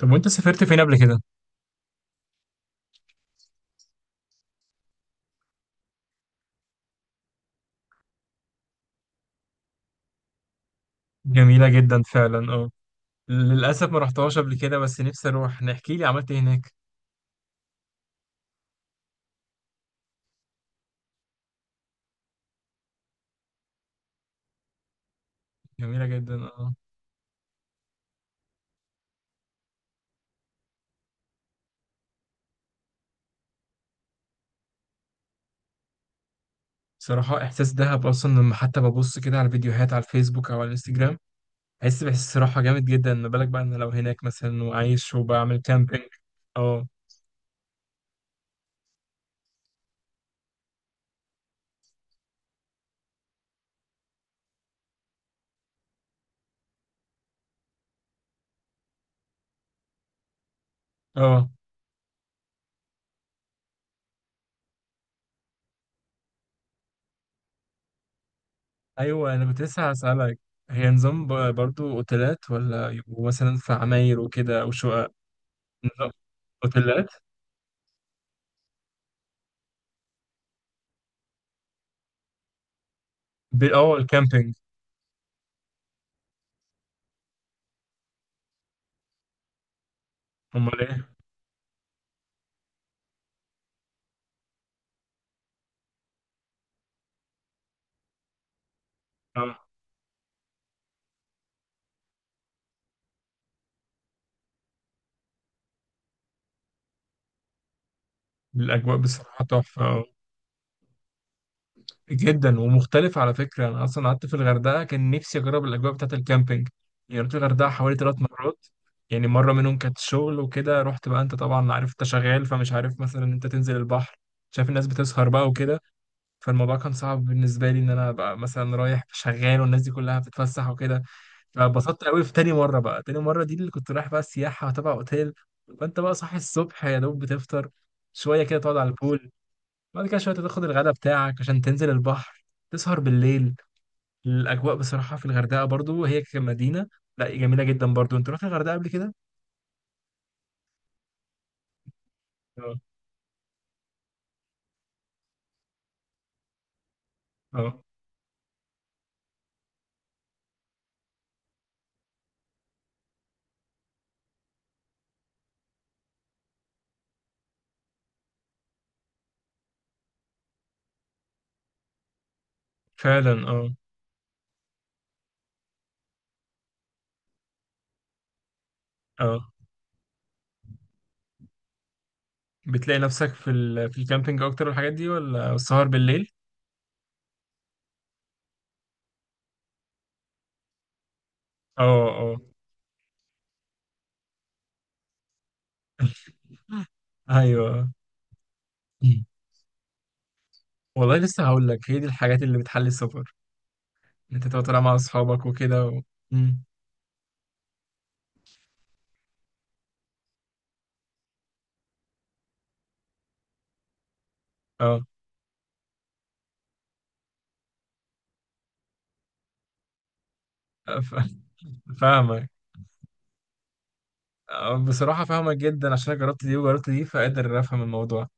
طب وانت سافرت فين قبل كده؟ جميلة جدا فعلا، اه. للأسف ما رحتهاش قبل كده. بس نفسي أروح. نحكي لي عملت ايه هناك؟ جميلة جدا، اه. بصراحة إحساس دهب أصلا لما حتى ببص كده على فيديوهات على الفيسبوك أو على الانستجرام، بحس صراحة جامد جدا. ما بالك بقى إن لو هناك مثلا وعايش وبعمل كامبينج؟ اه، اه. أيوه، أنا كنت لسه هسألك. هي نظام برضو أوتيلات، ولا يبقوا مثلا في عماير وكده أو شقق؟ نظام أوتيلات؟ اه، الكامبينج. أمال ايه؟ اه. الأجواء بصراحة تحفة آه. جدا ومختلف، على فكرة. أنا أصلا قعدت في الغردقة، كان نفسي أجرب الأجواء بتاعة الكامبينج. يعني رحت الغردقة حوالي ثلاث مرات. يعني مرة منهم كانت شغل وكده، رحت بقى، أنت طبعا عارف، أنت شغال فمش عارف مثلا إن أنت تنزل البحر، شايف الناس بتسهر بقى وكده. فالموضوع كان صعب بالنسبة لي إن أنا أبقى مثلا رايح شغال والناس دي كلها بتتفسح وكده. فبسطت قوي في تاني مرة. بقى تاني مرة دي اللي كنت رايح بقى السياحة تبع أوتيل. فأنت بقى صاحي الصبح، يا دوب بتفطر شوية، كده تقعد على البول. بعد كده شوية تاخد الغداء بتاعك عشان تنزل البحر. تسهر بالليل. الأجواء بصراحة في الغردقة برضو، هي كمدينة لا جميلة جدا برضو. أنت رحت الغردقة قبل كده؟ اه، اه. فعلا، اه، اه. بتلاقي نفسك في في الكامبينج أكتر والحاجات دي، ولا السهر بالليل؟ اه، اه، أيوه. مم. والله لسه هقول لك، هي دي الحاجات اللي بتحلي السفر. إن أنت تبقى طالع مع أصحابك وكده و... مم. اه. ف- فاهمك. آه، بصراحة فاهمك جدا عشان أنا جربت دي وجربت دي، فقادر أفهم الموضوع.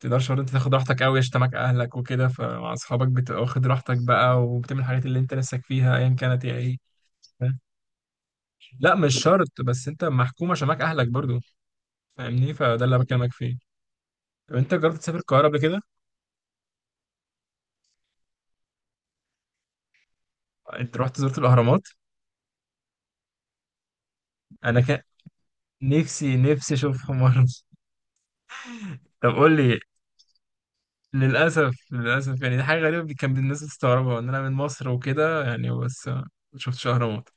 تقدرش برضه انت تاخد راحتك قوي، يشتمك اهلك وكده. فمع اصحابك بتبقى واخد راحتك بقى وبتعمل الحاجات اللي انت نفسك فيها ايا كانت هي ايه. فاهم؟ لا مش شرط، بس انت محكوم عشان معاك اهلك برضه. فاهمني؟ فده اللي أنا بكلمك فيه. طب انت جربت تسافر القاهره قبل كده؟ انت زرت الاهرامات؟ انا كان نفسي نفسي اشوفهم مره. طب قول لي، للاسف للاسف، يعني دي حاجه غريبه كان الناس بتستغربها ان انا من مصر وكده، يعني بس ما شفتش اهرامات.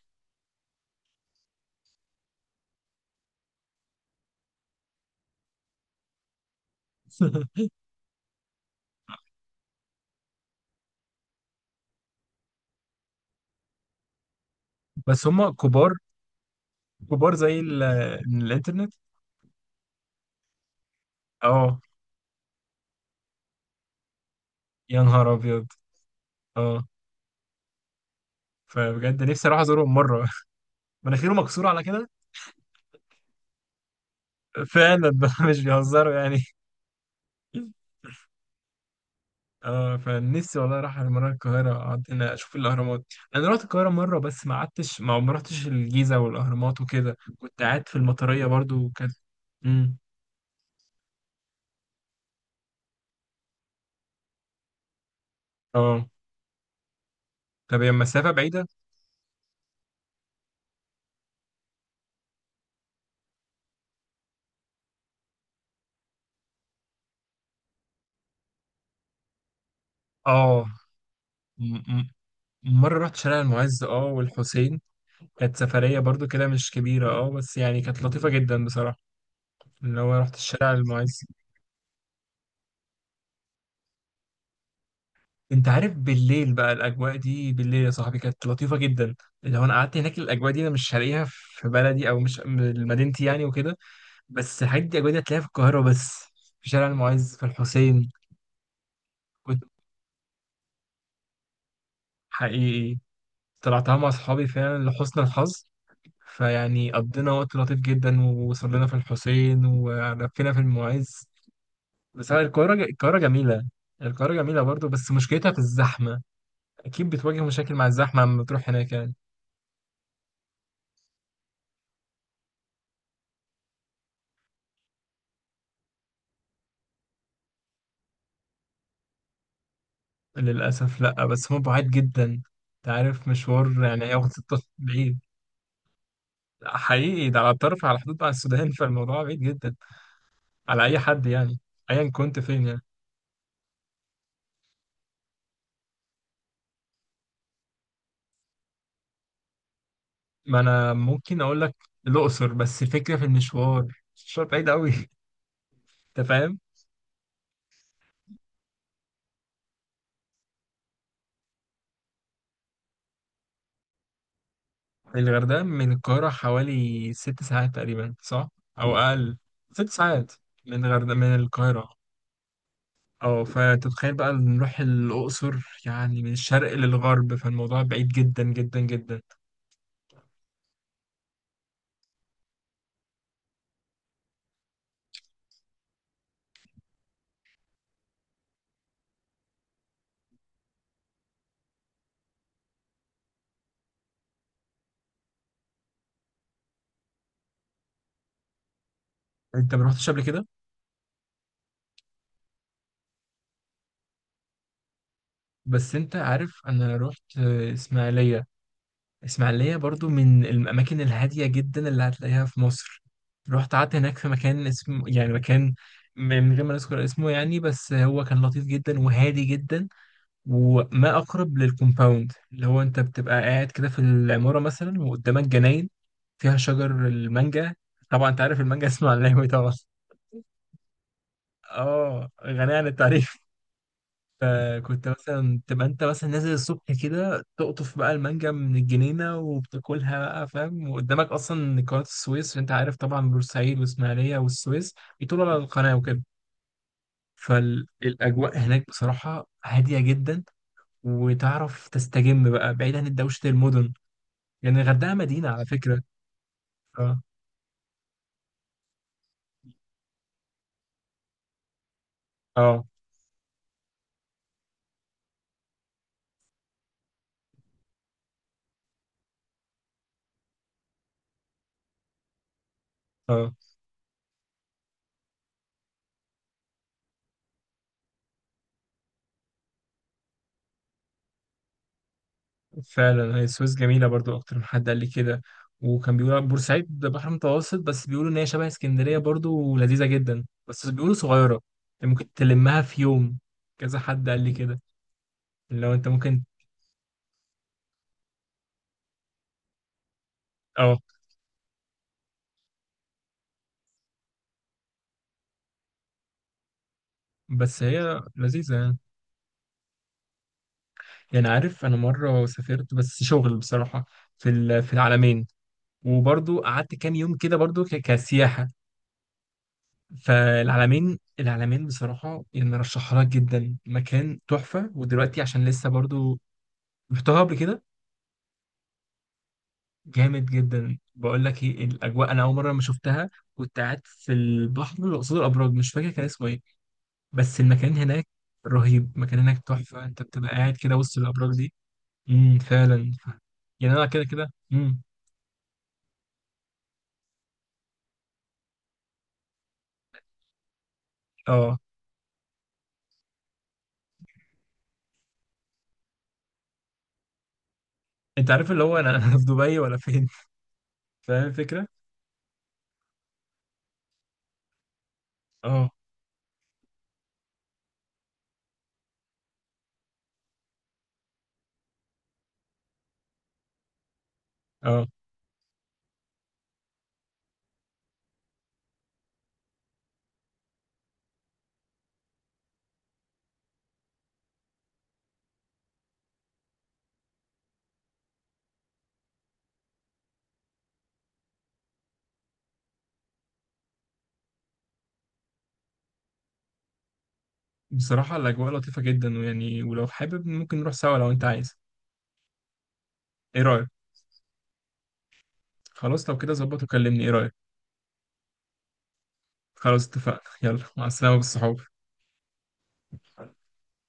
بس هم كبار. كبار زي الانترنت. اه، يا نهار ابيض. اه، فبجد نفسي اروح ازورهم مره. مناخيره مكسوره على كده. فعلا بقى. مش بيهزروا يعني. اه، فنفسي والله اروح مره القاهره، اقعد هنا اشوف الاهرامات. انا رحت القاهره مره بس ما قعدتش، ما رحتش الجيزه والاهرامات وكده. كنت قاعد في المطريه برضو، وكانت... امم. اه. طب هي المسافه بعيده؟ اه. م- م- مره رحت شارع المعز، اه، والحسين. كانت سفريه برضو كده، مش كبيره اه، بس يعني كانت لطيفه جدا بصراحه. اللي هو رحت الشارع المعز. انت عارف بالليل بقى الاجواء دي، بالليل يا صاحبي كانت لطيفه جدا. لو انا قعدت هناك، الاجواء دي انا مش هلاقيها في بلدي او مش مدينتي يعني وكده. بس الحاجات دي، الاجواء دي هتلاقيها في القاهره بس، في شارع المعز، في الحسين. كنت حقيقي طلعتها مع اصحابي فعلا لحسن الحظ. فيعني قضينا وقت لطيف جدا، وصلنا في الحسين ولفينا في المعز. بس القاهره القاهره جميله. القاهره جميله برضو، بس مشكلتها في الزحمه. اكيد بتواجه مشاكل مع الزحمه لما تروح هناك يعني. للأسف لأ، بس هو بعيد جدا. أنت عارف مشوار، يعني هياخد ستة، بعيد. حقيقي، ده على الطرف، على حدود مع السودان. فالموضوع بعيد جدا على أي حد يعني، أيا كنت فين يعني. ما أنا ممكن أقول لك الأقصر، بس الفكرة في المشوار. المشوار بعيد أوي. أنت فاهم. الغردقة من القاهرة حوالي 6 ساعات تقريبا، صح؟ أو أقل. 6 ساعات؟ من الغردقة من القاهرة. أه. فتتخيل بقى نروح الأقصر، يعني من الشرق للغرب، فالموضوع بعيد جدا جدا جدا. انت ما رحتش قبل كده؟ بس انت عارف، انا رحت آه، اسماعيليه. اسماعيليه برضو من الاماكن الهاديه جدا اللي هتلاقيها في مصر. رحت قعدت هناك في مكان اسمه، يعني مكان، من غير ما نذكر اسمه يعني، بس هو كان لطيف جدا وهادي جدا. وما اقرب للكومباوند، اللي هو انت بتبقى قاعد كده في العماره مثلا وقدامك جناين فيها شجر المانجا. طبعا انت عارف المانجا، اسمه على طبعا. اه، غني عن التعريف. فكنت مثلا تبقى انت مثلا نازل الصبح كده، تقطف بقى المانجا من الجنينه وبتاكلها بقى، فاهم، وقدامك اصلا قناه السويس، اللي انت عارف طبعا بورسعيد واسماعيليه والسويس بيطولوا على القناه وكده. فالاجواء هناك بصراحه هاديه جدا. وتعرف تستجم بقى بعيد عن دوشه المدن، لان يعني الغردقه مدينه على فكره. اه، اه، اه. فعلا. هي السويس جميلة برضو، أكتر من حد قال لي كده. وكان بيقول بورسعيد بحر متوسط، بس بيقولوا إن هي شبه اسكندرية برضو ولذيذة جدا، بس بيقولوا صغيرة، يعني ممكن تلمها في يوم. كذا حد قال لي كده، لو أنت ممكن. أه، بس هي لذيذة يعني. يعني عارف، أنا مرة سافرت بس شغل بصراحة في في العلمين. وبرضو قعدت كام يوم كده برضو كسياحة. فالعلمين بصراحة، يعني رشحها لك جدا، مكان تحفة، ودلوقتي عشان لسه برضو رحتها قبل كده. جامد جدا، بقول لك ايه، الاجواء انا اول مره لما شفتها، كنت قاعد في البحر اللي قصاد الابراج، مش فاكر كان اسمه ايه، بس المكان هناك رهيب. المكان هناك تحفه، انت بتبقى قاعد كده وسط الابراج دي. فعلا. يعني انا كده كده. اه. انت عارف اللي هو، انا انا في دبي ولا فين. فاهم الفكره. اه، اه. بصراحه الاجواء لطيفه جدا، ويعني ولو حابب ممكن نروح سوا لو انت عايز. ايه رايك؟ خلاص لو كده، ظبط وكلمني. ايه رايك؟ خلاص اتفقنا، يلا مع السلامه بالصحاب.